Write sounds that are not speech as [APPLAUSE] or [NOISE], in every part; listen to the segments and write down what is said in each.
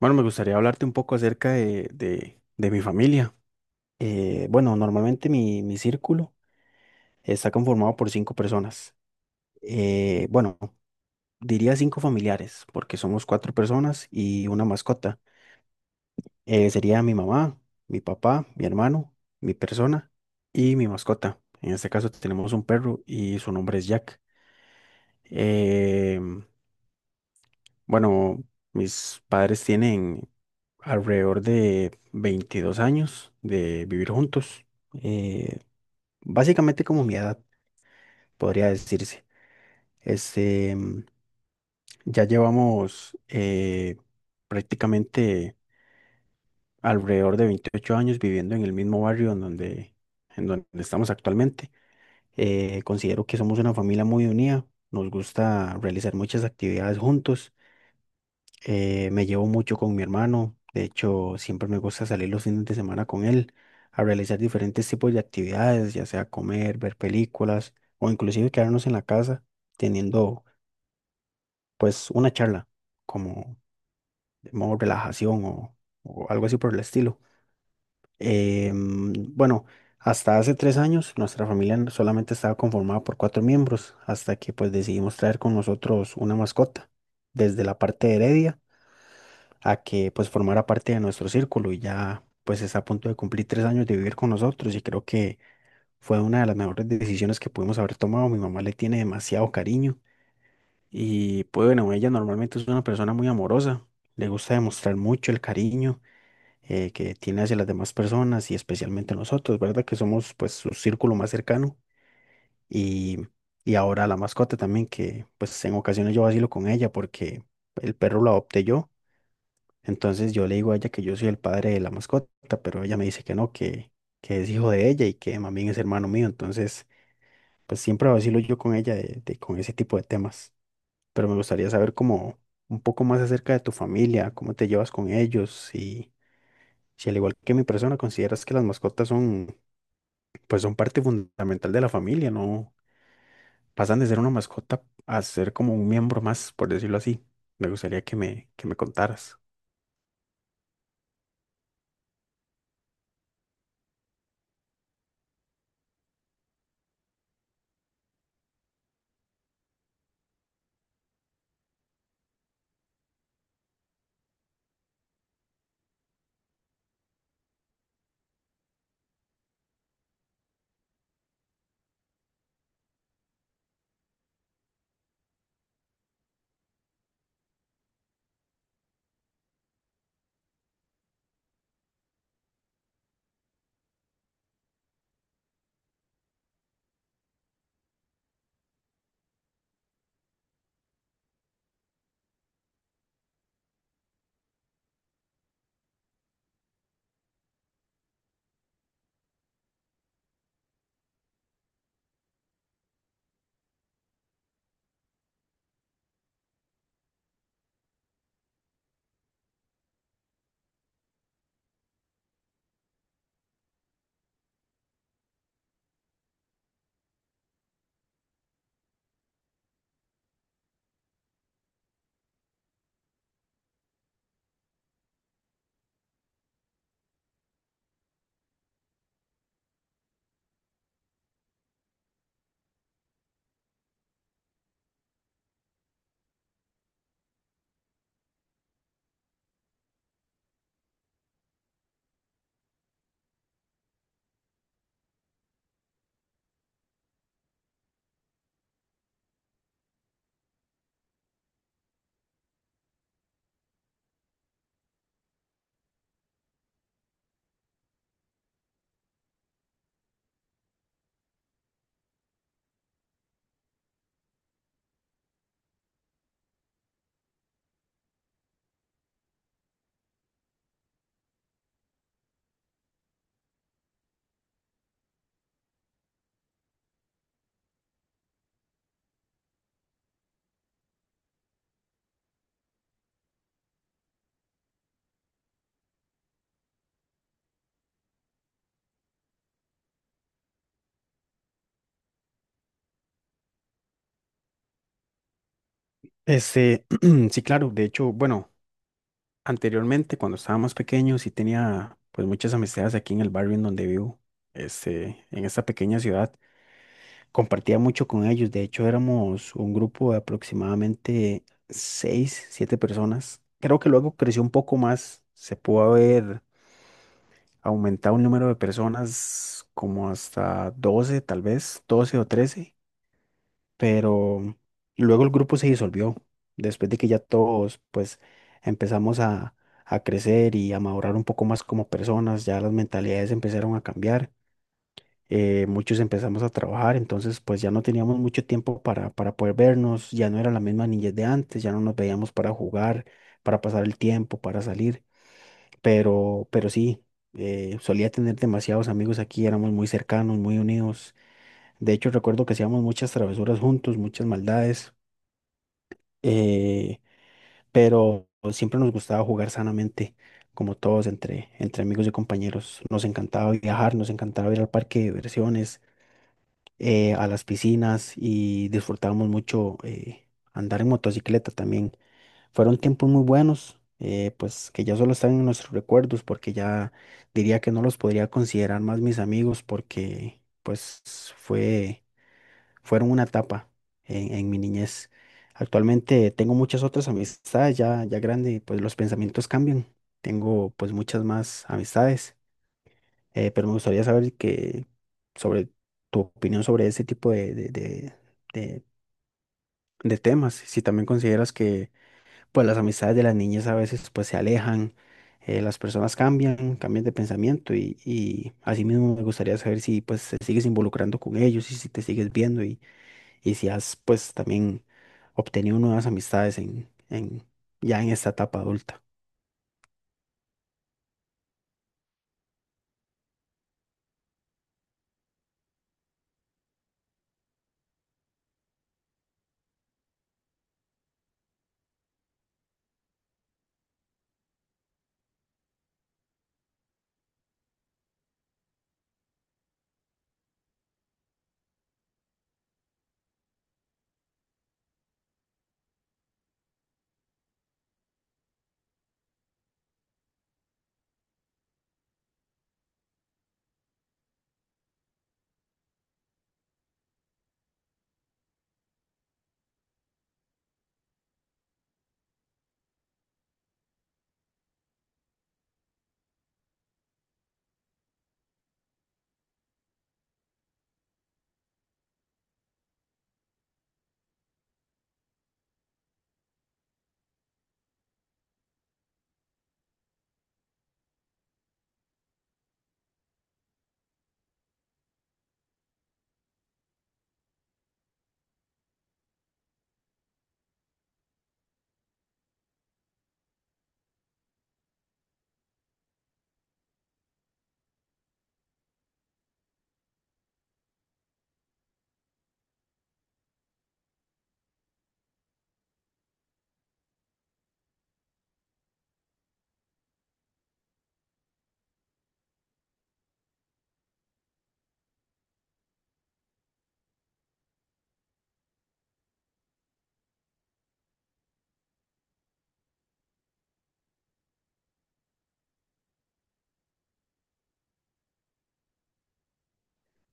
Bueno, me gustaría hablarte un poco acerca de mi familia. Bueno, normalmente mi círculo está conformado por cinco personas. Bueno, diría cinco familiares, porque somos cuatro personas y una mascota. Sería mi mamá, mi papá, mi hermano, mi persona y mi mascota. En este caso tenemos un perro y su nombre es Jack. Em, bueno, mis padres tienen alrededor de 22 años de vivir juntos, eh, básicamente como mi edad, podría decirse. Este, ya llevamos prácticamente alrededor de 28 años viviendo en el mismo barrio en donde estamos actualmente. Considero que somos una familia muy unida, nos gusta realizar muchas actividades juntos. Me llevo mucho con mi hermano. De hecho, siempre me gusta salir los fines de semana con él a realizar diferentes tipos de actividades, ya sea comer, ver películas o inclusive quedarnos en la casa teniendo pues una charla como de modo relajación o algo así por el estilo. Bueno, hasta hace 3 años nuestra familia solamente estaba conformada por cuatro miembros hasta que pues decidimos traer con nosotros una mascota desde la parte de Heredia, a que pues formara parte de nuestro círculo y ya pues está a punto de cumplir 3 años de vivir con nosotros y creo que fue una de las mejores decisiones que pudimos haber tomado. Mi mamá le tiene demasiado cariño y pues bueno, ella normalmente es una persona muy amorosa, le gusta demostrar mucho el cariño que tiene hacia las demás personas y especialmente nosotros, ¿verdad? Que somos pues su círculo más cercano y, y ahora la mascota también que pues en ocasiones yo vacilo con ella porque el perro lo adopté yo, entonces yo le digo a ella que yo soy el padre de la mascota, pero ella me dice que no, que es hijo de ella y que más bien es hermano mío. Entonces, pues siempre vacilo yo con ella con ese tipo de temas. Pero me gustaría saber como un poco más acerca de tu familia, cómo te llevas con ellos y si al igual que mi persona consideras que las mascotas son, pues son parte fundamental de la familia, no pasan de ser una mascota a ser como un miembro más, por decirlo así. Me gustaría que me contaras. Este, [CLEARS THROAT] sí, claro, de hecho, bueno. Anteriormente, cuando estábamos pequeños, sí tenía pues muchas amistades aquí en el barrio en donde vivo, este, en esta pequeña ciudad. Compartía mucho con ellos. De hecho, éramos un grupo de aproximadamente seis, siete personas. Creo que luego creció un poco más. Se pudo haber aumentado un número de personas como hasta 12, tal vez, 12 o 13, pero luego el grupo se disolvió, después de que ya todos pues empezamos a crecer y a madurar un poco más como personas, ya las mentalidades empezaron a cambiar, muchos empezamos a trabajar, entonces pues ya no teníamos mucho tiempo para poder vernos, ya no era la misma niñez de antes, ya no nos veíamos para jugar, para pasar el tiempo, para salir, pero sí. Solía tener demasiados amigos aquí, éramos muy cercanos, muy unidos. De hecho, recuerdo que hacíamos muchas travesuras juntos, muchas maldades, eh, pero siempre nos gustaba jugar sanamente, como todos, entre amigos y compañeros. Nos encantaba viajar, nos encantaba ir al parque de diversiones, a las piscinas y disfrutábamos mucho andar en motocicleta también. Fueron tiempos muy buenos, pues que ya solo están en nuestros recuerdos, porque ya diría que no los podría considerar más mis amigos, porque pues fue fueron una etapa en mi niñez. Actualmente tengo muchas otras amistades ya grande, y pues los pensamientos cambian. Tengo pues muchas más amistades, pero me gustaría saber que sobre tu opinión sobre ese tipo de- de temas. Si también consideras que pues las amistades de las niñas a veces pues se alejan, las personas cambian, cambian de pensamiento y asimismo me gustaría saber si pues te sigues involucrando con ellos y si te sigues viendo y si has pues también obtenido nuevas amistades ya en esta etapa adulta.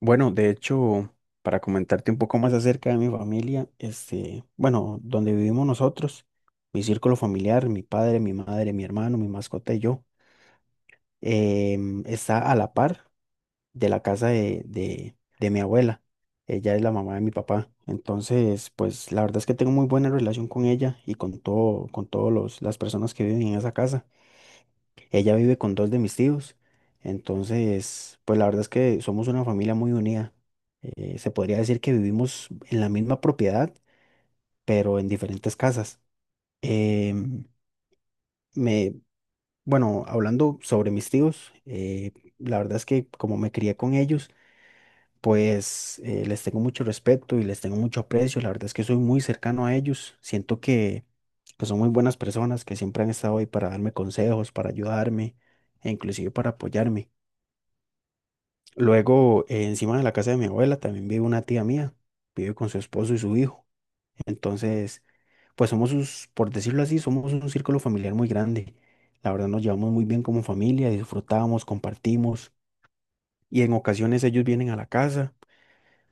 Bueno, de hecho, para comentarte un poco más acerca de mi familia, este, bueno, donde vivimos nosotros, mi círculo familiar, mi padre, mi madre, mi hermano, mi mascota y yo, está a la par de la casa de mi abuela. Ella es la mamá de mi papá. Entonces, pues la verdad es que tengo muy buena relación con ella y con todo, con todos los, las personas que viven en esa casa. Ella vive con dos de mis tíos. Entonces, pues la verdad es que somos una familia muy unida. Se podría decir que vivimos en la misma propiedad, pero en diferentes casas. Em, me, bueno, hablando sobre mis tíos, la verdad es que como me crié con ellos, pues les tengo mucho respeto y les tengo mucho aprecio. La verdad es que soy muy cercano a ellos. Siento que son muy buenas personas que siempre han estado ahí para darme consejos, para ayudarme e inclusive para apoyarme. Luego, encima de la casa de mi abuela también vive una tía mía, vive con su esposo y su hijo. Entonces, pues somos sus, por decirlo así, somos un círculo familiar muy grande. La verdad nos llevamos muy bien como familia, disfrutamos, compartimos y en ocasiones ellos vienen a la casa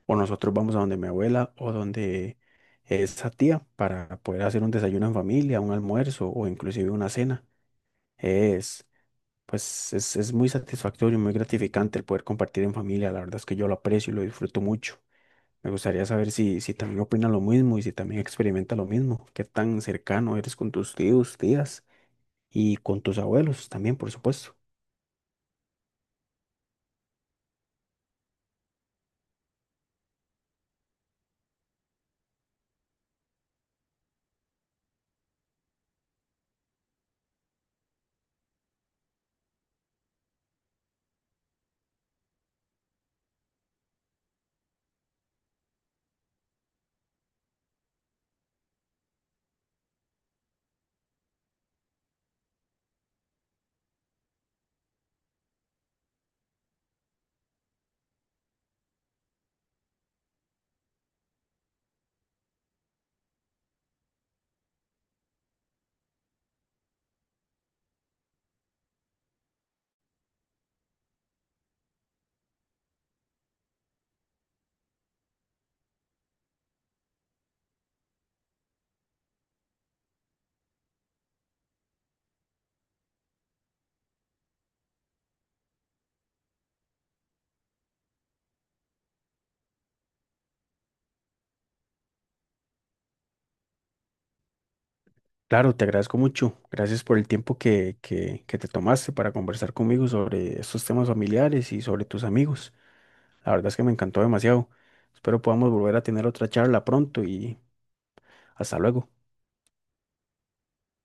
o nosotros vamos a donde mi abuela o donde esa tía para poder hacer un desayuno en familia, un almuerzo o inclusive una cena. Pues es muy satisfactorio y muy gratificante el poder compartir en familia. La verdad es que yo lo aprecio y lo disfruto mucho. Me gustaría saber si también opina lo mismo y si también experimenta lo mismo. Qué tan cercano eres con tus tíos, tías y con tus abuelos también, por supuesto. Claro, te agradezco mucho. Gracias por el tiempo que te tomaste para conversar conmigo sobre estos temas familiares y sobre tus amigos. La verdad es que me encantó demasiado. Espero podamos volver a tener otra charla pronto y hasta luego.